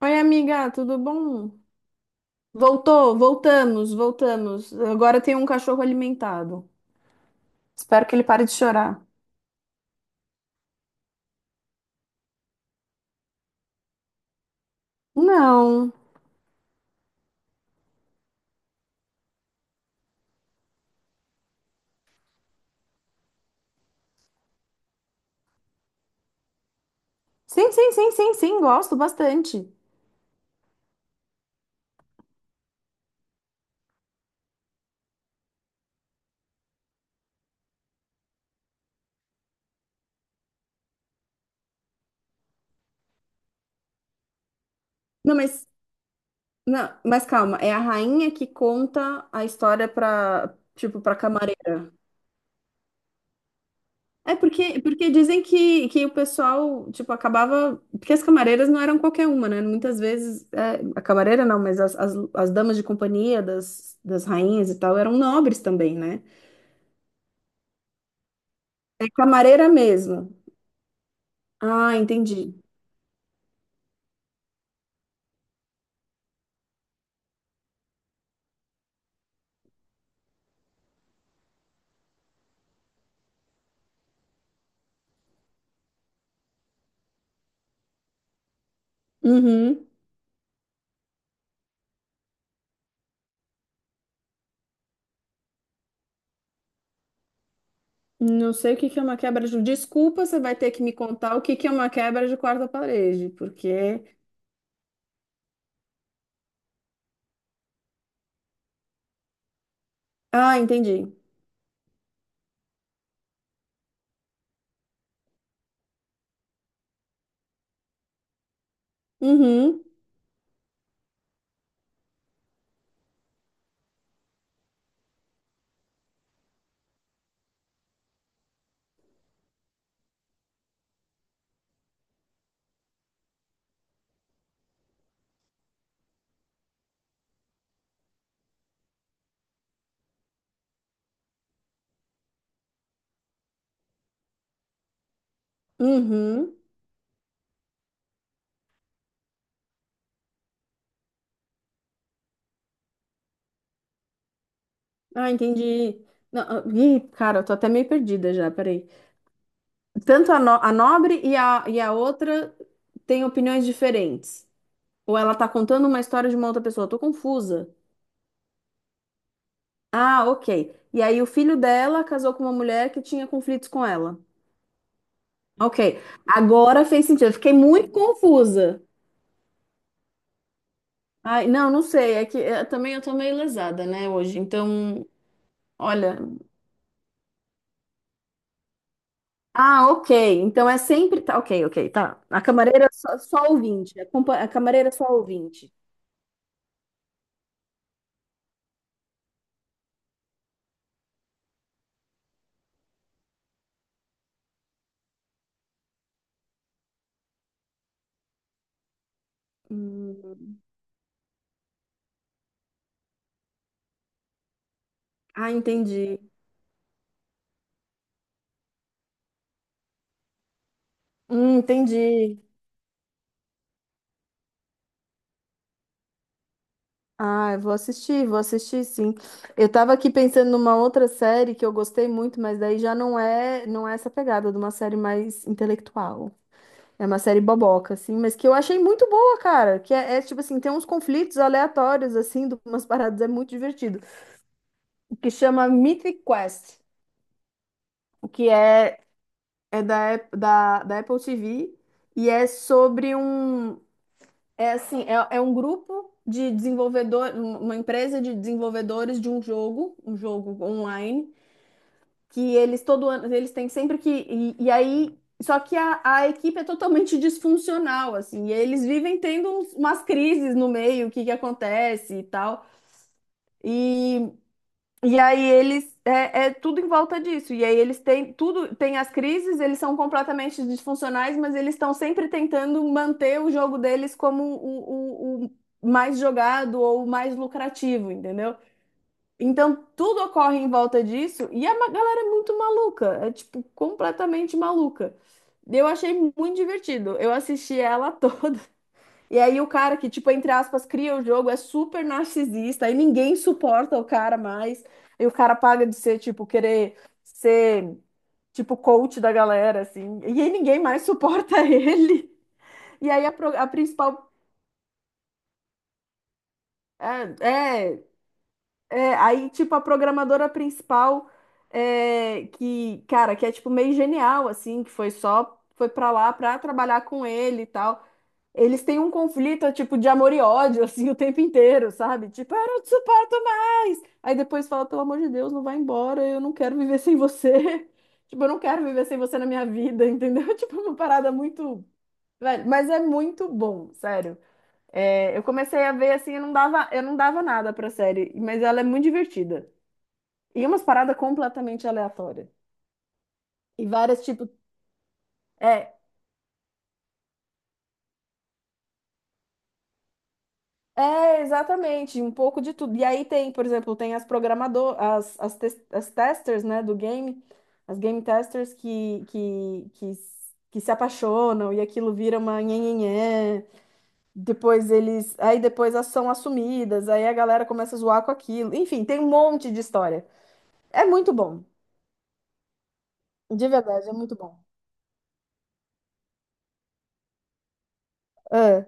Oi, amiga, tudo bom? Voltamos. Agora tem um cachorro alimentado. Espero que ele pare de chorar. Não. Sim, gosto bastante. Não, mas não, mas calma, é a rainha que conta a história pra, tipo, pra camareira. É porque dizem que o pessoal, tipo, acabava. Porque as camareiras não eram qualquer uma, né? Muitas vezes, é, a camareira não, mas as damas de companhia das rainhas e tal eram nobres também, né? É camareira mesmo. Ah, entendi. Uhum. Não sei o que que é uma quebra de. Um. Desculpa, você vai ter que me contar o que que é uma quebra de quarta parede, porque. Ah, entendi. Uhum. Uhum. Ah, entendi. Não, ah, ih, cara, eu tô até meio perdida já, peraí. Tanto a, a nobre e a outra têm opiniões diferentes. Ou ela tá contando uma história de uma outra pessoa. Eu tô confusa. Ah, ok. E aí o filho dela casou com uma mulher que tinha conflitos com ela. Ok, agora fez sentido. Eu fiquei muito confusa. Ai, não, não sei. É que também eu tô meio lesada, né, hoje. Então, olha. Ah, ok. Então é sempre. Tá, ok, tá. A camareira só ouvinte. A, a camareira é só ouvinte. Hum, Ah, entendi. Entendi. Ah, vou assistir, sim. Eu tava aqui pensando numa outra série que eu gostei muito, mas daí já não é essa pegada de uma série mais intelectual. É uma série boboca, assim, mas que eu achei muito boa, cara. Que é, tipo assim, tem uns conflitos aleatórios, assim, de umas paradas, é muito divertido. O que chama Mythic Quest, o que é, é da Apple TV e é sobre um... É assim, é um grupo de desenvolvedor, uma empresa de desenvolvedores de um jogo online, que eles todo ano, eles têm sempre que. E aí, só que a equipe é totalmente disfuncional, assim, e eles vivem tendo umas crises no meio, o que que acontece e tal. E, é tudo em volta disso. E aí eles têm tudo, tem as crises, eles são completamente disfuncionais, mas eles estão sempre tentando manter o jogo deles como o mais jogado ou o mais lucrativo, entendeu? Então, tudo ocorre em volta disso e a galera é muito maluca, é tipo completamente maluca. Eu achei muito divertido. Eu assisti ela toda. E aí o cara que, tipo, entre aspas, cria o jogo é super narcisista, aí ninguém suporta o cara mais. E o cara paga de ser, tipo, querer ser, tipo, coach da galera, assim. E aí ninguém mais suporta ele. E aí a, a principal. É, é. É, aí, tipo, a programadora principal, é, que, cara, que é, tipo, meio genial, assim, que foi só, foi pra lá pra trabalhar com ele e tal. Eles têm um conflito, tipo, de amor e ódio, assim, o tempo inteiro, sabe? Tipo, eu não te suporto mais! Aí depois fala, pelo amor de Deus, não vai embora, eu não quero viver sem você. Tipo, eu não quero viver sem você na minha vida, entendeu? Tipo, uma parada muito... Velho, mas é muito bom, sério. É, eu comecei a ver assim, eu não dava nada pra série, mas ela é muito divertida. E umas paradas completamente aleatórias. E várias tipos. É, é, exatamente, um pouco de tudo. E aí tem, por exemplo, tem as programador, as testers, né, do game, as game testers que se apaixonam e aquilo vira uma nhenhenhé. Depois eles, aí depois elas são assumidas, aí a galera começa a zoar com aquilo. Enfim, tem um monte de história. É muito bom, de verdade, é muito bom. É.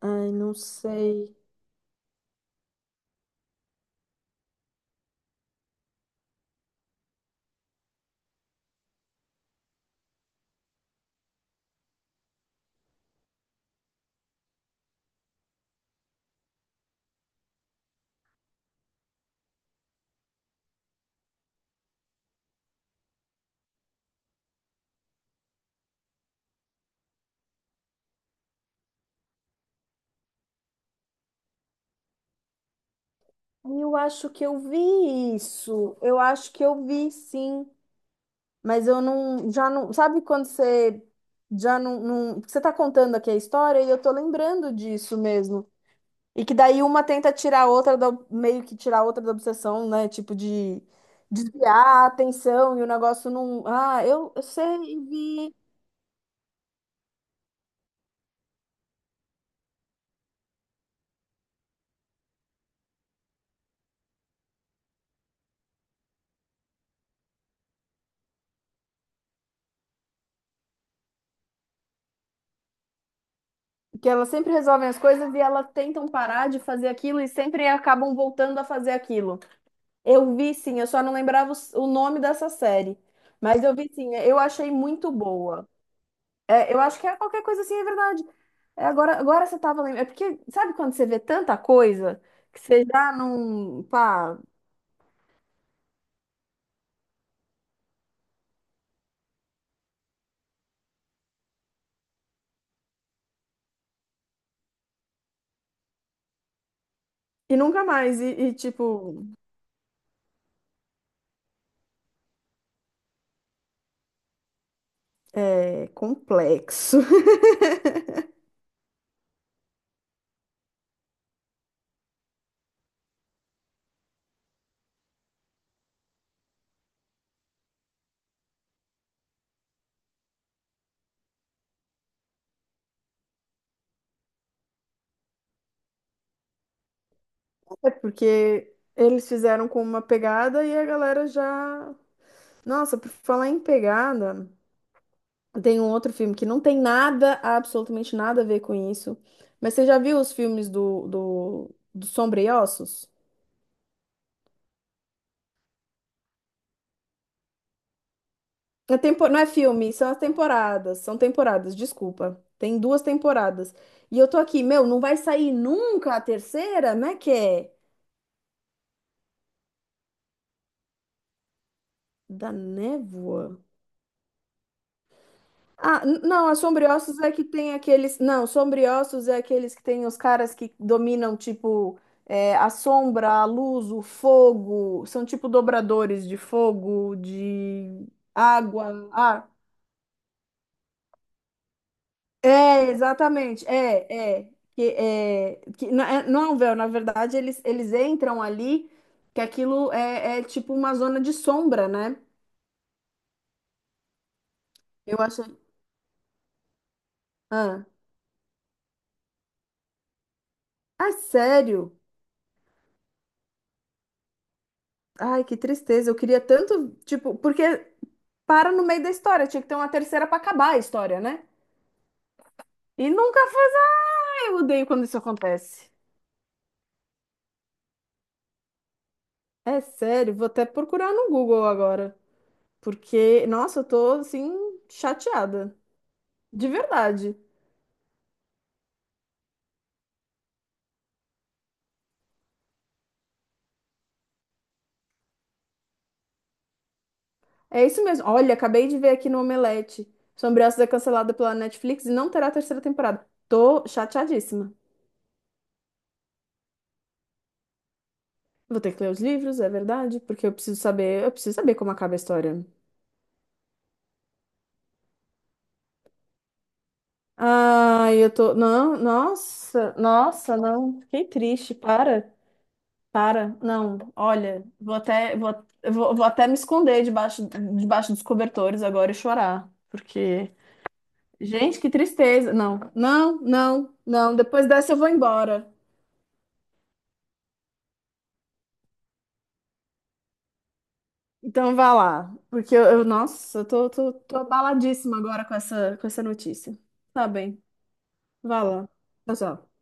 Ai, não sei. Eu acho que eu vi isso. Eu acho que eu vi sim, mas eu não, já não, sabe quando você já não, não- você tá contando aqui a história e eu tô lembrando disso mesmo. E que daí uma tenta tirar a outra da, meio que tirar a outra da obsessão, né? Tipo de desviar a atenção e o negócio não, ah, eu sei vi que elas sempre resolvem as coisas e elas tentam parar de fazer aquilo e sempre acabam voltando a fazer aquilo. Eu vi sim, eu só não lembrava o nome dessa série. Mas eu vi sim, eu achei muito boa. É, eu acho que é qualquer coisa assim, é verdade. É, agora você tava lembrando. É porque, sabe quando você vê tanta coisa que você já não. Pá, e nunca mais. E, tipo, é complexo. É porque eles fizeram com uma pegada e a galera já. Nossa, por falar em pegada. Tem um outro filme que não tem nada, absolutamente nada a ver com isso. Mas você já viu os filmes do Sombra e Ossos? É tempo... Não é filme, são as temporadas. São temporadas, desculpa. Tem duas temporadas. E eu tô aqui, meu, não vai sair nunca a terceira? Como é que é? Da Névoa? Ah, não, a Sombriossos é que tem aqueles. Não, Sombriossos é aqueles que tem os caras que dominam, tipo, é, a sombra, a luz, o fogo. São tipo dobradores de fogo, de água. Ah, é, exatamente. É, é. Que, é, que não é um véu, na verdade, eles entram ali, que aquilo é, é tipo uma zona de sombra, né? Eu achei. Ah, sério? Ai, que tristeza. Eu queria tanto, tipo, porque para no meio da história. Tinha que ter uma terceira para acabar a história, né? E nunca faz. Ah, eu odeio quando isso acontece. É sério, vou até procurar no Google agora. Porque, nossa, eu tô assim, chateada. De verdade. É isso mesmo. Olha, acabei de ver aqui no Omelete. Sombreaços é cancelada pela Netflix e não terá terceira temporada. Tô chateadíssima. Vou ter que ler os livros, é verdade, porque eu preciso saber como acaba a história. Ai, eu tô. Não, nossa, não. Fiquei triste, para. Para, não, olha, vou até, vou, eu vou, vou até me esconder debaixo dos cobertores agora e chorar, porque, gente, que tristeza. Não, depois dessa eu vou embora. Então vá lá, porque nossa, eu tô abaladíssima agora com essa notícia. Tá bem, vá lá. Tchau, tchau.